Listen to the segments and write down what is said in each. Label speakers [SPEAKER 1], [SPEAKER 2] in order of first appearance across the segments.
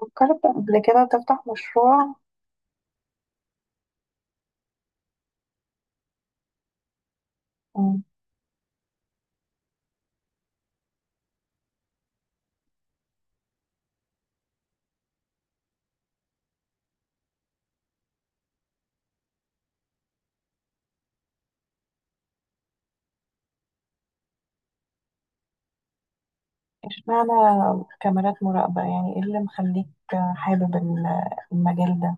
[SPEAKER 1] فكرت قبل كده تفتح مشروع؟ مم. اشمعنى كاميرات مراقبة، يعني ايه اللي مخليك حابب المجال ده؟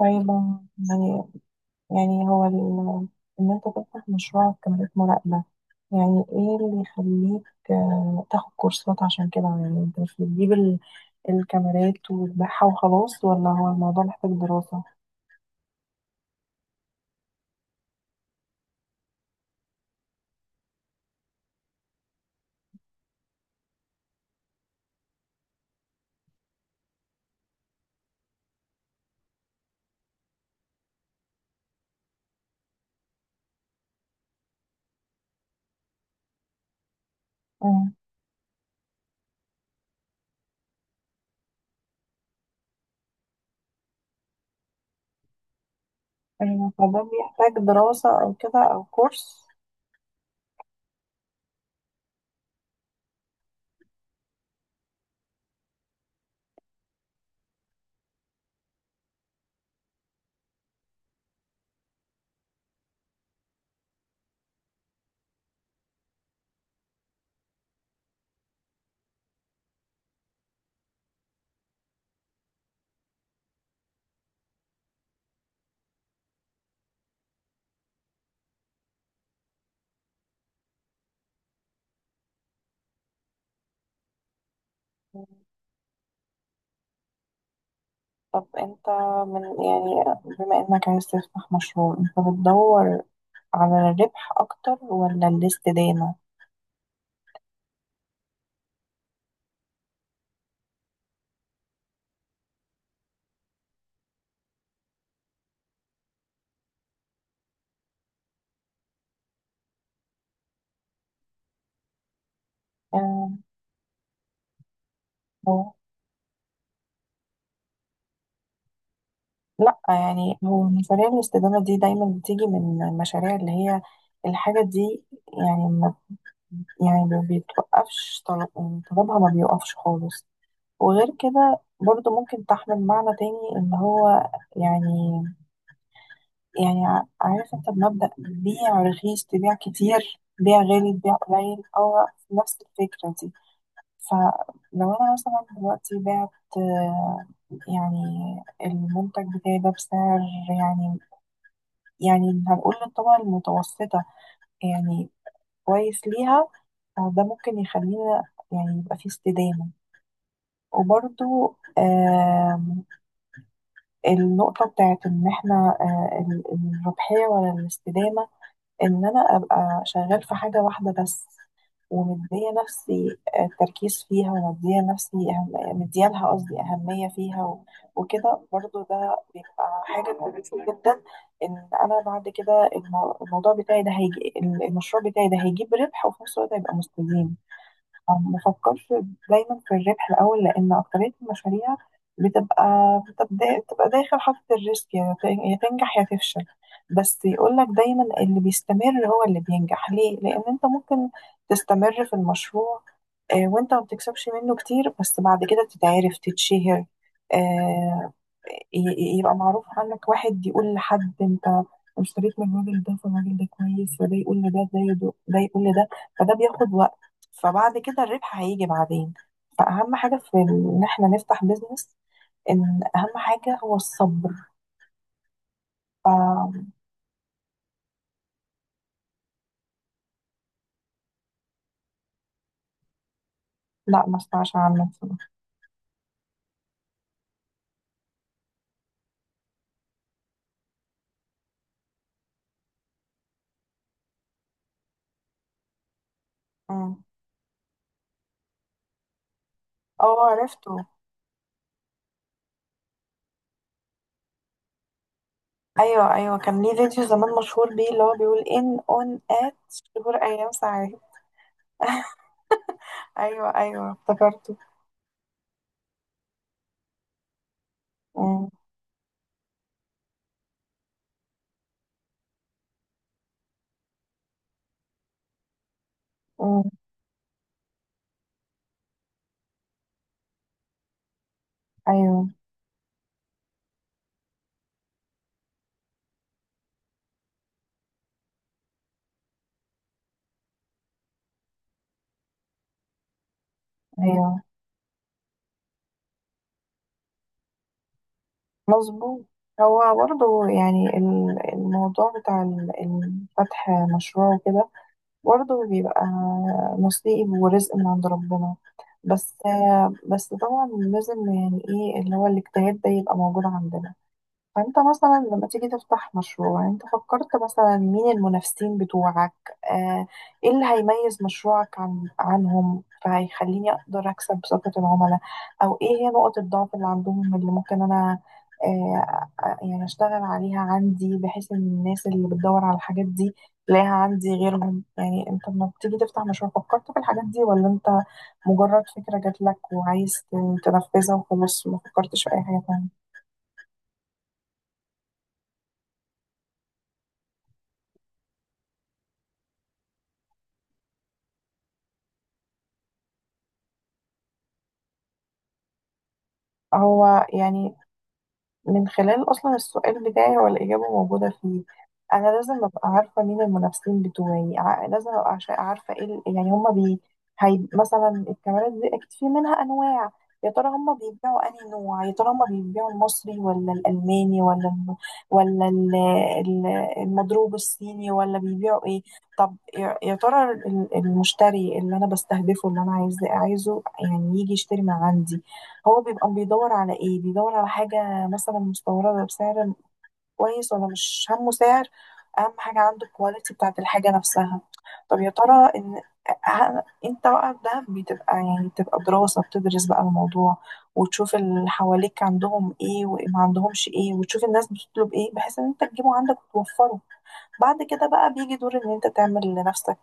[SPEAKER 1] طيب، يعني يعني ان انت تفتح مشروع كاميرات مراقبة، يعني ايه اللي يخليك تاخد كورسات عشان كده؟ يعني انت مش بتجيب الكاميرات وتبيعها وخلاص، ولا هو الموضوع محتاج دراسة؟ مم. الموضوع بيحتاج دراسة او كده او كورس؟ طب انت، من يعني، بما انك عايز تفتح مشروع، انت بتدور على الربح اكتر ولا الاستدامة؟ آه، هو- لا، يعني هو مشاريع الاستدامة دي دايما بتيجي من المشاريع اللي هي الحاجة دي، يعني ما، يعني ما بيتوقفش يعني طلبها ما بيوقفش خالص. وغير كده برضو ممكن تحمل معنى تاني، ان هو يعني، عارف انت بمبدأ بيع رخيص تبيع كتير، بيع غالي تبيع قليل. هو نفس الفكرة دي. فلو انا مثلا دلوقتي بعت، آه، يعني، المنتج بتاعي ده بسعر، يعني، يعني هنقول للطبقة المتوسطة، يعني كويس ليها، ده ممكن يخلينا، يعني، يبقى فيه استدامة. وبرضو، النقطة بتاعت إن إحنا، الربحية ولا الاستدامة، ان انا ابقى شغال في حاجه واحده بس، ومديه نفسي، تركيز فيها، ومديه نفسي مديه لها قصدي اهميه فيها، و... وكده برضو، ده بيبقى حاجه كويسه جدا، ان انا بعد كده الموضوع بتاعي ده هيجي المشروع بتاعي ده هيجيب ربح، وفي نفس الوقت هيبقى مستديم. أو ما بفكرش دايما في الربح الأول، لأن أكترية المشاريع بتبقى، بتبقى داخل حاطط الريسك، يا تنجح يا تفشل. بس يقولك دايما اللي بيستمر هو اللي بينجح. ليه؟ لأن أنت ممكن تستمر في المشروع، وأنت ما بتكسبش منه كتير، بس بعد كده تتعرف، تتشهر، آه، يبقى معروف عنك. واحد يقول لحد، انت اشتريت من الراجل ده، فالراجل ده كويس، فده يقول لده، ده يقول لده، فده بياخد وقت. فبعد كده الربح هيجي بعدين. فأهم حاجة إن احنا نفتح بيزنس، إن أهم حاجة هو الصبر. ف- لا، ما اسمعش عنه بصراحة. مم. اه، عرفته. أيوه أيوه، كان ليه فيديو زمان مشهور بيه، اللي هو بيقول إن أون آت، شهور، أيام، ساعات. أيوه أيوه، افتكرته. مم. مم. أيوه أيوه، مظبوط. هو برضه، يعني، الموضوع بتاع فتح مشروع وكده، برضه بيبقى نصيب ورزق من عند ربنا. بس، طبعا لازم، يعني، ايه اللي هو الاجتهاد ده يبقى موجود عندنا. فانت مثلا لما تيجي تفتح مشروع، يعني انت فكرت مثلا مين المنافسين بتوعك؟ آه، ايه اللي هيميز مشروعك عنهم، فهيخليني اقدر اكسب ثقة العملاء؟ او ايه هي نقط الضعف اللي عندهم اللي ممكن انا، يعني، اشتغل عليها عندي، بحيث ان الناس اللي بتدور على الحاجات دي تلاقيها عندي غيرهم؟ يعني انت لما بتيجي تفتح مشروع فكرت في الحاجات دي، ولا انت مجرد فكرة جات لك وعايز تنفذها وخلاص، ما فكرتش في اي حاجة تانية؟ هو، يعني، من خلال أصلا السؤال بتاعي هو الإجابة موجودة فيه. أنا لازم أبقى عارفة مين المنافسين بتوعي، لازم أبقى عارفة إيه يعني هما بي. هي مثلا الكاميرات دي أكيد في منها أنواع، يا ترى هما بيبيعوا أنهي نوع؟ يا ترى هما بيبيعوا المصري ولا الألماني ولا ولا ال- ال- المضروب الصيني، ولا بيبيعوا إيه؟ طب، يا ترى المشتري اللي أنا بستهدفه، اللي أنا عايزه يعني يجي يشتري من عندي، هو بيبقى بيدور على ايه؟ بيدور على حاجة مثلا مستورده بسعر كويس، ولا مش همه سعر، اهم حاجه عنده الكواليتي بتاعت الحاجه نفسها؟ طب يا ترى ان، انت بقى، ده بتبقى دراسه، بتدرس بقى الموضوع وتشوف اللي حواليك عندهم ايه وما عندهمش ايه، وتشوف الناس بتطلب ايه، بحيث ان انت تجيبه عندك وتوفره. بعد كده بقى بيجي دور ان انت تعمل لنفسك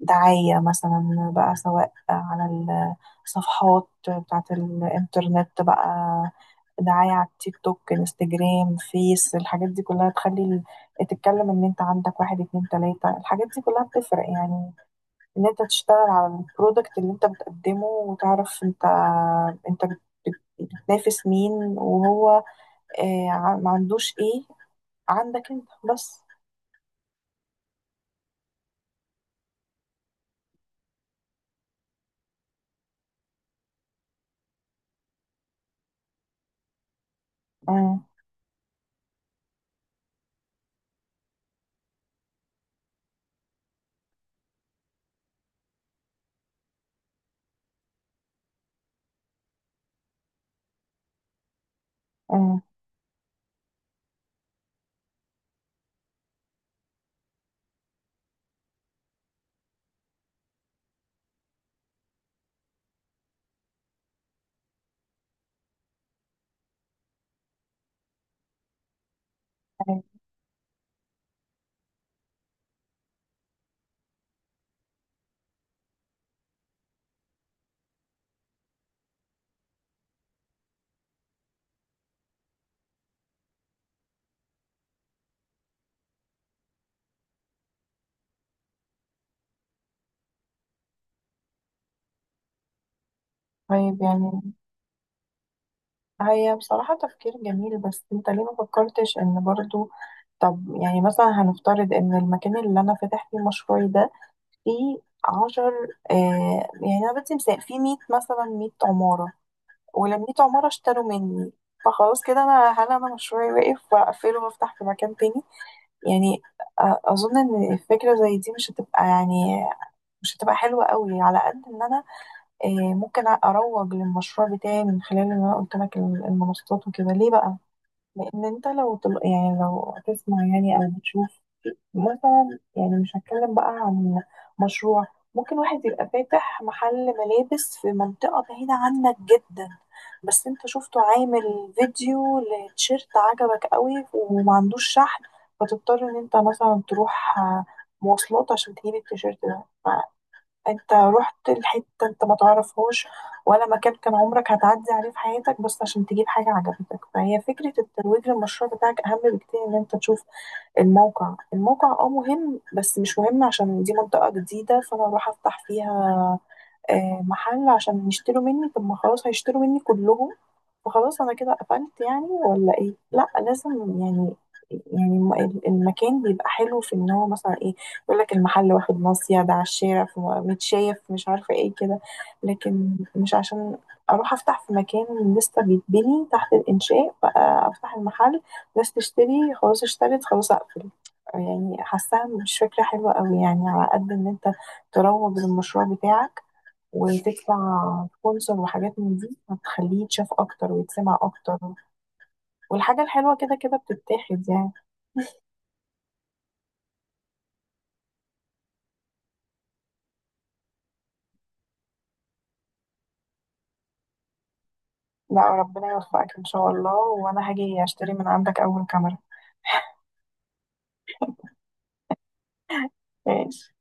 [SPEAKER 1] دعاية مثلا بقى، سواء على الصفحات بتاعة الإنترنت بقى، دعاية على التيك توك، الانستجرام، فيس، الحاجات دي كلها تخلي تتكلم ان انت عندك. واحد، اتنين، تلاتة، الحاجات دي كلها بتفرق يعني. ان انت تشتغل على البرودكت اللي انت بتقدمه، وتعرف انت، انت بت- بت- بتنافس مين، وهو ما عندوش ايه عندك انت بس. مم. مم. طيب طيب. يعني هي بصراحة تفكير جميل، بس انت ليه ما فكرتش ان برضو، طب، يعني مثلا هنفترض ان المكان اللي انا فاتح فيه مشروعي ده فيه عشر آه، يعني انا بدي مثال فيه مية، مثلا 100 عمارة، ولما 100 عمارة اشتروا مني، فخلاص كده انا، هل انا مشروعي واقفله وافتح في مكان تاني؟ يعني اظن ان فكرة زي دي مش هتبقى، يعني، مش هتبقى حلوة قوي، على قد ان انا، ممكن اروج للمشروع بتاعي من خلال ان انا قلت لك المنصات وكده. ليه بقى؟ لان انت لو يعني لو هتسمع يعني او بتشوف، مثلا يعني، مش هتكلم بقى عن مشروع، ممكن واحد يبقى فاتح محل ملابس في منطقة بعيدة عنك جدا، بس انت شفته عامل فيديو لتيشيرت عجبك قوي، وما عندوش شحن، فتضطر ان انت مثلا تروح، مواصلات، عشان تجيب التيشيرت ده. انت رحت لحتة انت ما تعرفهاش ولا مكان كان عمرك هتعدي عليه في حياتك، بس عشان تجيب حاجة عجبتك. فهي فكرة الترويج للمشروع بتاعك أهم بكتير إن أنت تشوف الموقع الموقع مهم، بس مش مهم عشان دي منطقة جديدة فأنا أروح أفتح فيها محل عشان يشتروا مني. طب، ما خلاص هيشتروا مني كلهم، فخلاص انا كده قفلت يعني؟ ولا ايه؟ لا، لازم، يعني، يعني المكان بيبقى حلو في ان هو مثلا ايه، يقول لك المحل واخد ناصية، ده على الشارع في متشاف، مش عارفة ايه كده، لكن مش عشان اروح افتح في مكان لسه بيتبني تحت الانشاء بقى افتح المحل، ناس تشتري خلاص، اشترت، خلاص اقفل. يعني حاساها مش فكرة حلوة قوي، يعني على قد ان انت تروج للمشروع بتاعك وتدفع سبونسر وحاجات من دي، هتخليه يتشاف اكتر ويتسمع اكتر، والحاجة الحلوة كده كده بتتاخد يعني. لا، ربنا يوفقك ان شاء الله، وانا هاجي اشتري من عندك اول كاميرا. ماشي.